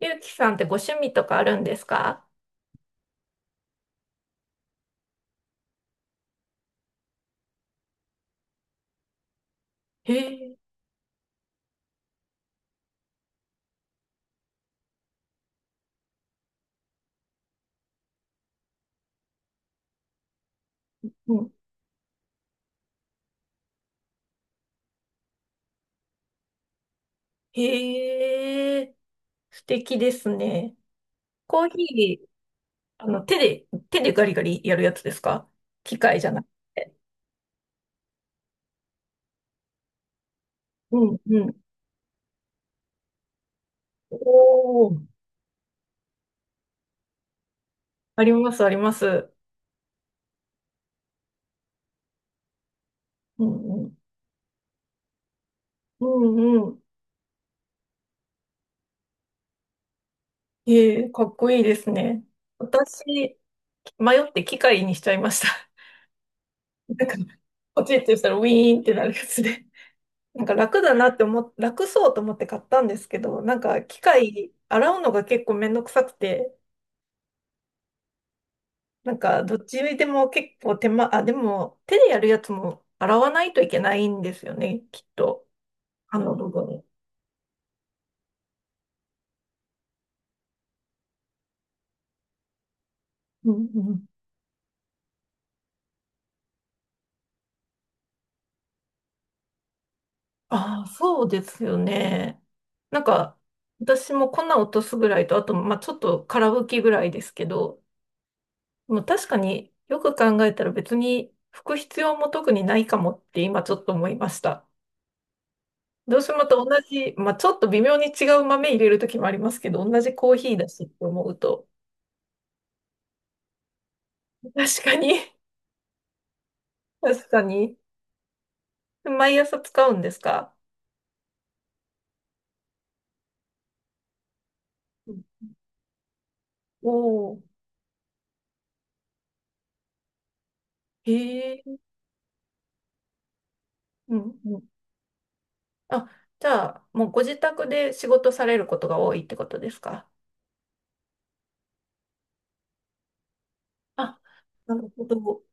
ゆうきさんってご趣味とかあるんですか？へえ。うん。へえ、素敵ですね。コーヒー、手で、手でガリガリやるやつですか？機械じゃなくて。うん、うん。おー、あります、あります。うん、うん。うん、うん。へえ、かっこいいですね。私、迷って機械にしちゃいました。なんか、ポチッとしたらウィーンってなるやつで。楽そうと思って買ったんですけど、なんか機械洗うのが結構めんどくさくて、なんかどっちでも結構手間、あ、でも手でやるやつも洗わないといけないんですよね、きっと。あの部分。うんうん。ああ、そうですよね。なんか私も粉落とすぐらいと、あと、まあちょっと空拭きぐらいですけど、もう確かによく考えたら別に拭く必要も特にないかもって今ちょっと思いました。どうしてもと同じ、まあ、ちょっと微妙に違う豆入れるときもありますけど、同じコーヒーだしって思うと、確かに。確かに。毎朝使うんですか？うん。おー。へえ。うん、うん。あ、じゃあ、もうご自宅で仕事されることが多いってことですか？あ、なるほど。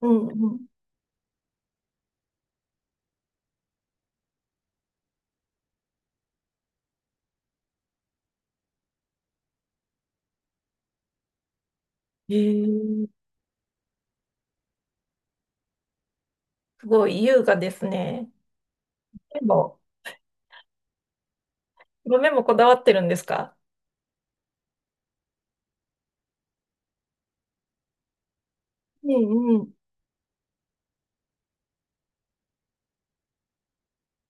うん、うん。へえ。すごい優雅ですね。でも、豆もこだわってるんですか？うん、うん、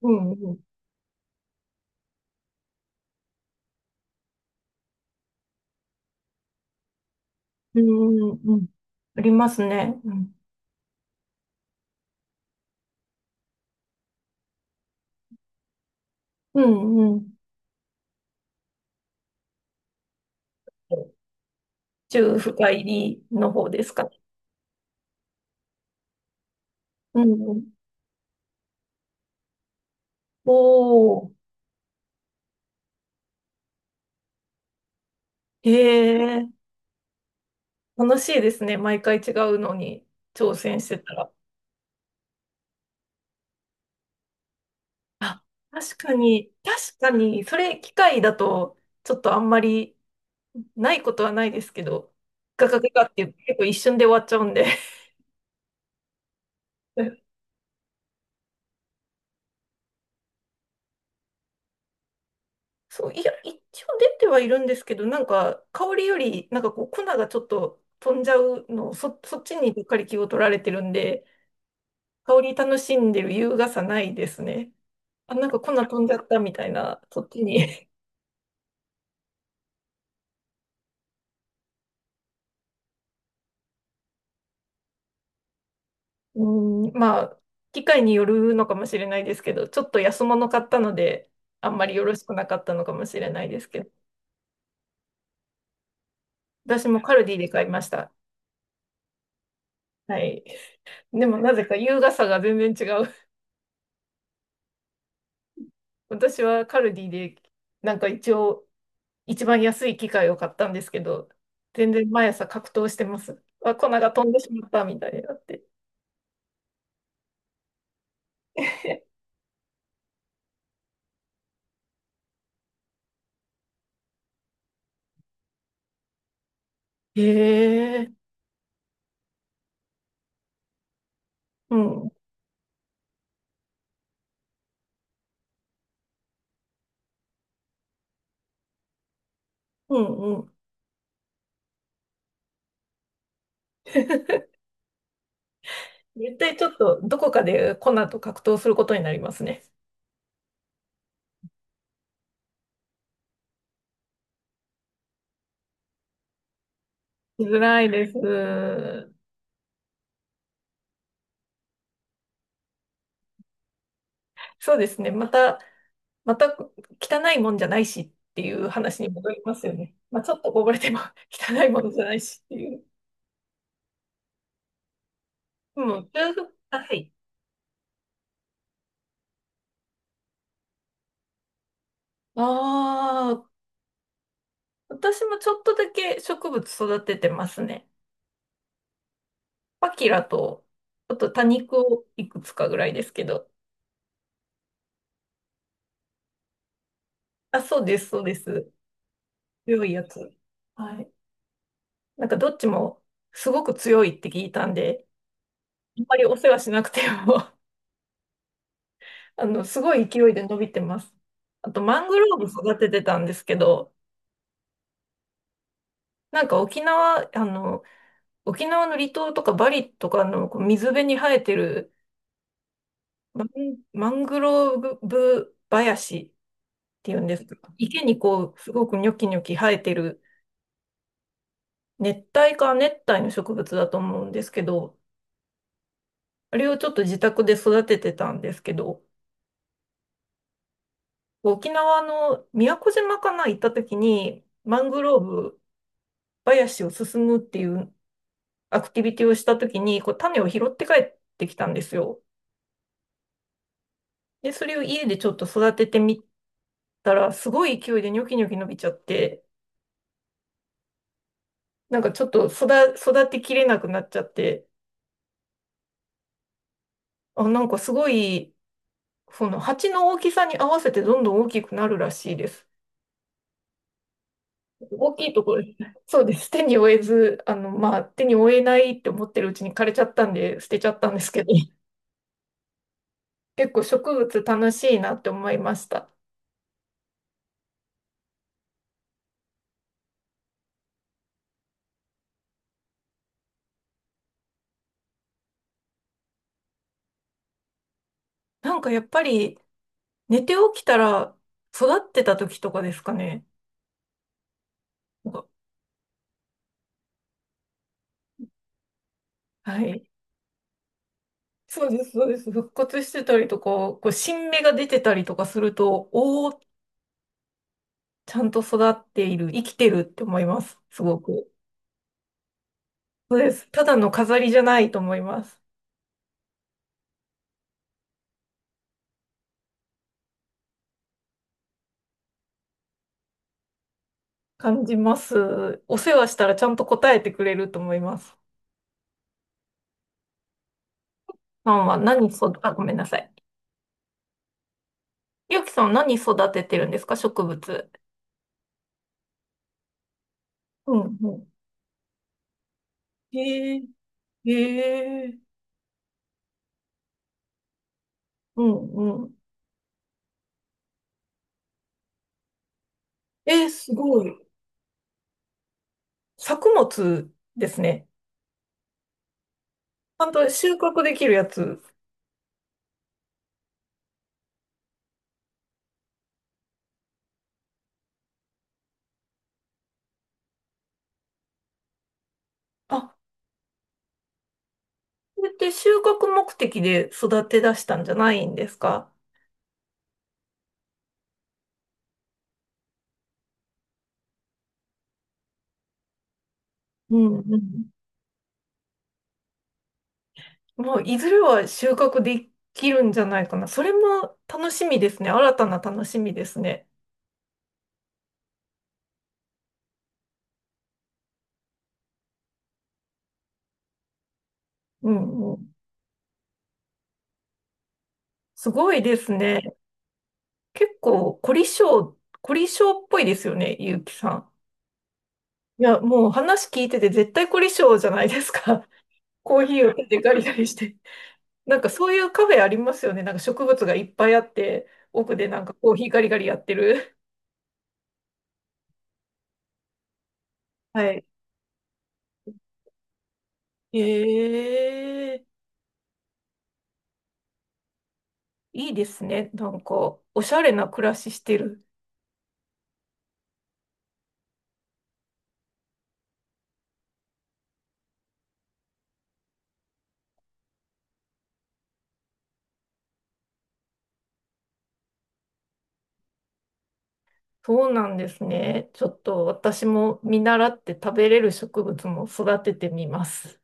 うん、うん、うん、うん。ありますね。うんうん。中深入りの方ですかね。うんうん。おー。へえ。楽しいですね。毎回違うのに挑戦してたら。あ、確かに、確かに、それ機械だと、ちょっとあんまりないことはないですけど、ガガガガって結構一瞬で終わっちゃうんで。そう、いや、一応出てはいるんですけど、なんか香りより、なんかこう粉がちょっと飛んじゃうのを、そっちにばっかり気を取られてるんで、香り楽しんでる優雅さないですね。あ、なんか粉飛んじゃったみたいな、そっちに。うん、まあ、機械によるのかもしれないですけど、ちょっと安物買ったので、あんまりよろしくなかったのかもしれないですけど、私もカルディで買いました。はい。でもなぜか優雅さが全然違う。私はカルディで、なんか一応、一番安い機械を買ったんですけど、全然毎朝格闘してます。あ、粉が飛んでしまったみたいになって。へえ。うん。うんうん。絶対ちょっとどこかでコナンと格闘することになりますね。辛いです。そうですね。また汚いもんじゃないしっていう話に戻りますよね。まあ、ちょっとこぼれても 汚いものじゃないしっていう。うん。中国あはい。ああ、私もちょっとだけ植物育ててますね。パキラと、あと多肉をいくつかぐらいですけど。あ、そうです、そうです。強いやつ。はい。なんかどっちもすごく強いって聞いたんで、あんまりお世話しなくても、 すごい勢いで伸びてます。あと、マングローブ育ててたんですけど、なんか沖縄、あの、沖縄の離島とかバリとかのこう水辺に生えてるマン、マングローブ林っていうんですか。池にこう、すごくニョキニョキ生えてる熱帯か亜熱帯の植物だと思うんですけど、あれをちょっと自宅で育ててたんですけど、沖縄の宮古島かな行った時に、マングローブ林を進むっていうアクティビティをした時に、こう種を拾って帰ってきたんですよ。で、それを家でちょっと育ててみたら、すごい勢いでニョキニョキ伸びちゃって、なんかちょっと育、育てきれなくなっちゃって、あ、なんかすごい、その鉢の大きさに合わせてどんどん大きくなるらしいです。大きいところそうです。手に負えず、あの、まあ、手に負えないって思ってるうちに枯れちゃったんで、捨てちゃったんですけど。結構植物楽しいなって思いました。なんかやっぱり寝て起きたら育ってた時とかですかね。なんかはい。そうです、そうです。復活してたりとか、こう新芽が出てたりとかすると、おー、ちゃんと育っている、生きてるって思います。すごく。そうです。ただの飾りじゃないと思います。感じます。お世話したらちゃんと答えてくれると思います。さんは何そ、あ、ごめんなさい。ゆうきさんは何育ててるんですか、植物。うんうん。へえ。え。え。うんうん。えー、すごい。作物ですね。ちゃんと収穫できるやつ。あ、これって収穫目的で育て出したんじゃないんですか？うんうん。もういずれは収穫できるんじゃないかな。それも楽しみですね。新たな楽しみですね。うんうん。すごいですね。結構、凝り性っぽいですよね、ゆうきさん。いや、もう話聞いてて絶対凝り性じゃないですか。コーヒーを手でガリガリして。なんかそういうカフェありますよね。なんか植物がいっぱいあって、奥でなんかコーヒーガリガリやってる。はい。へえ、いいですね。なんか、おしゃれな暮らししてる。そうなんですね。ちょっと私も見習って食べれる植物も育ててみます。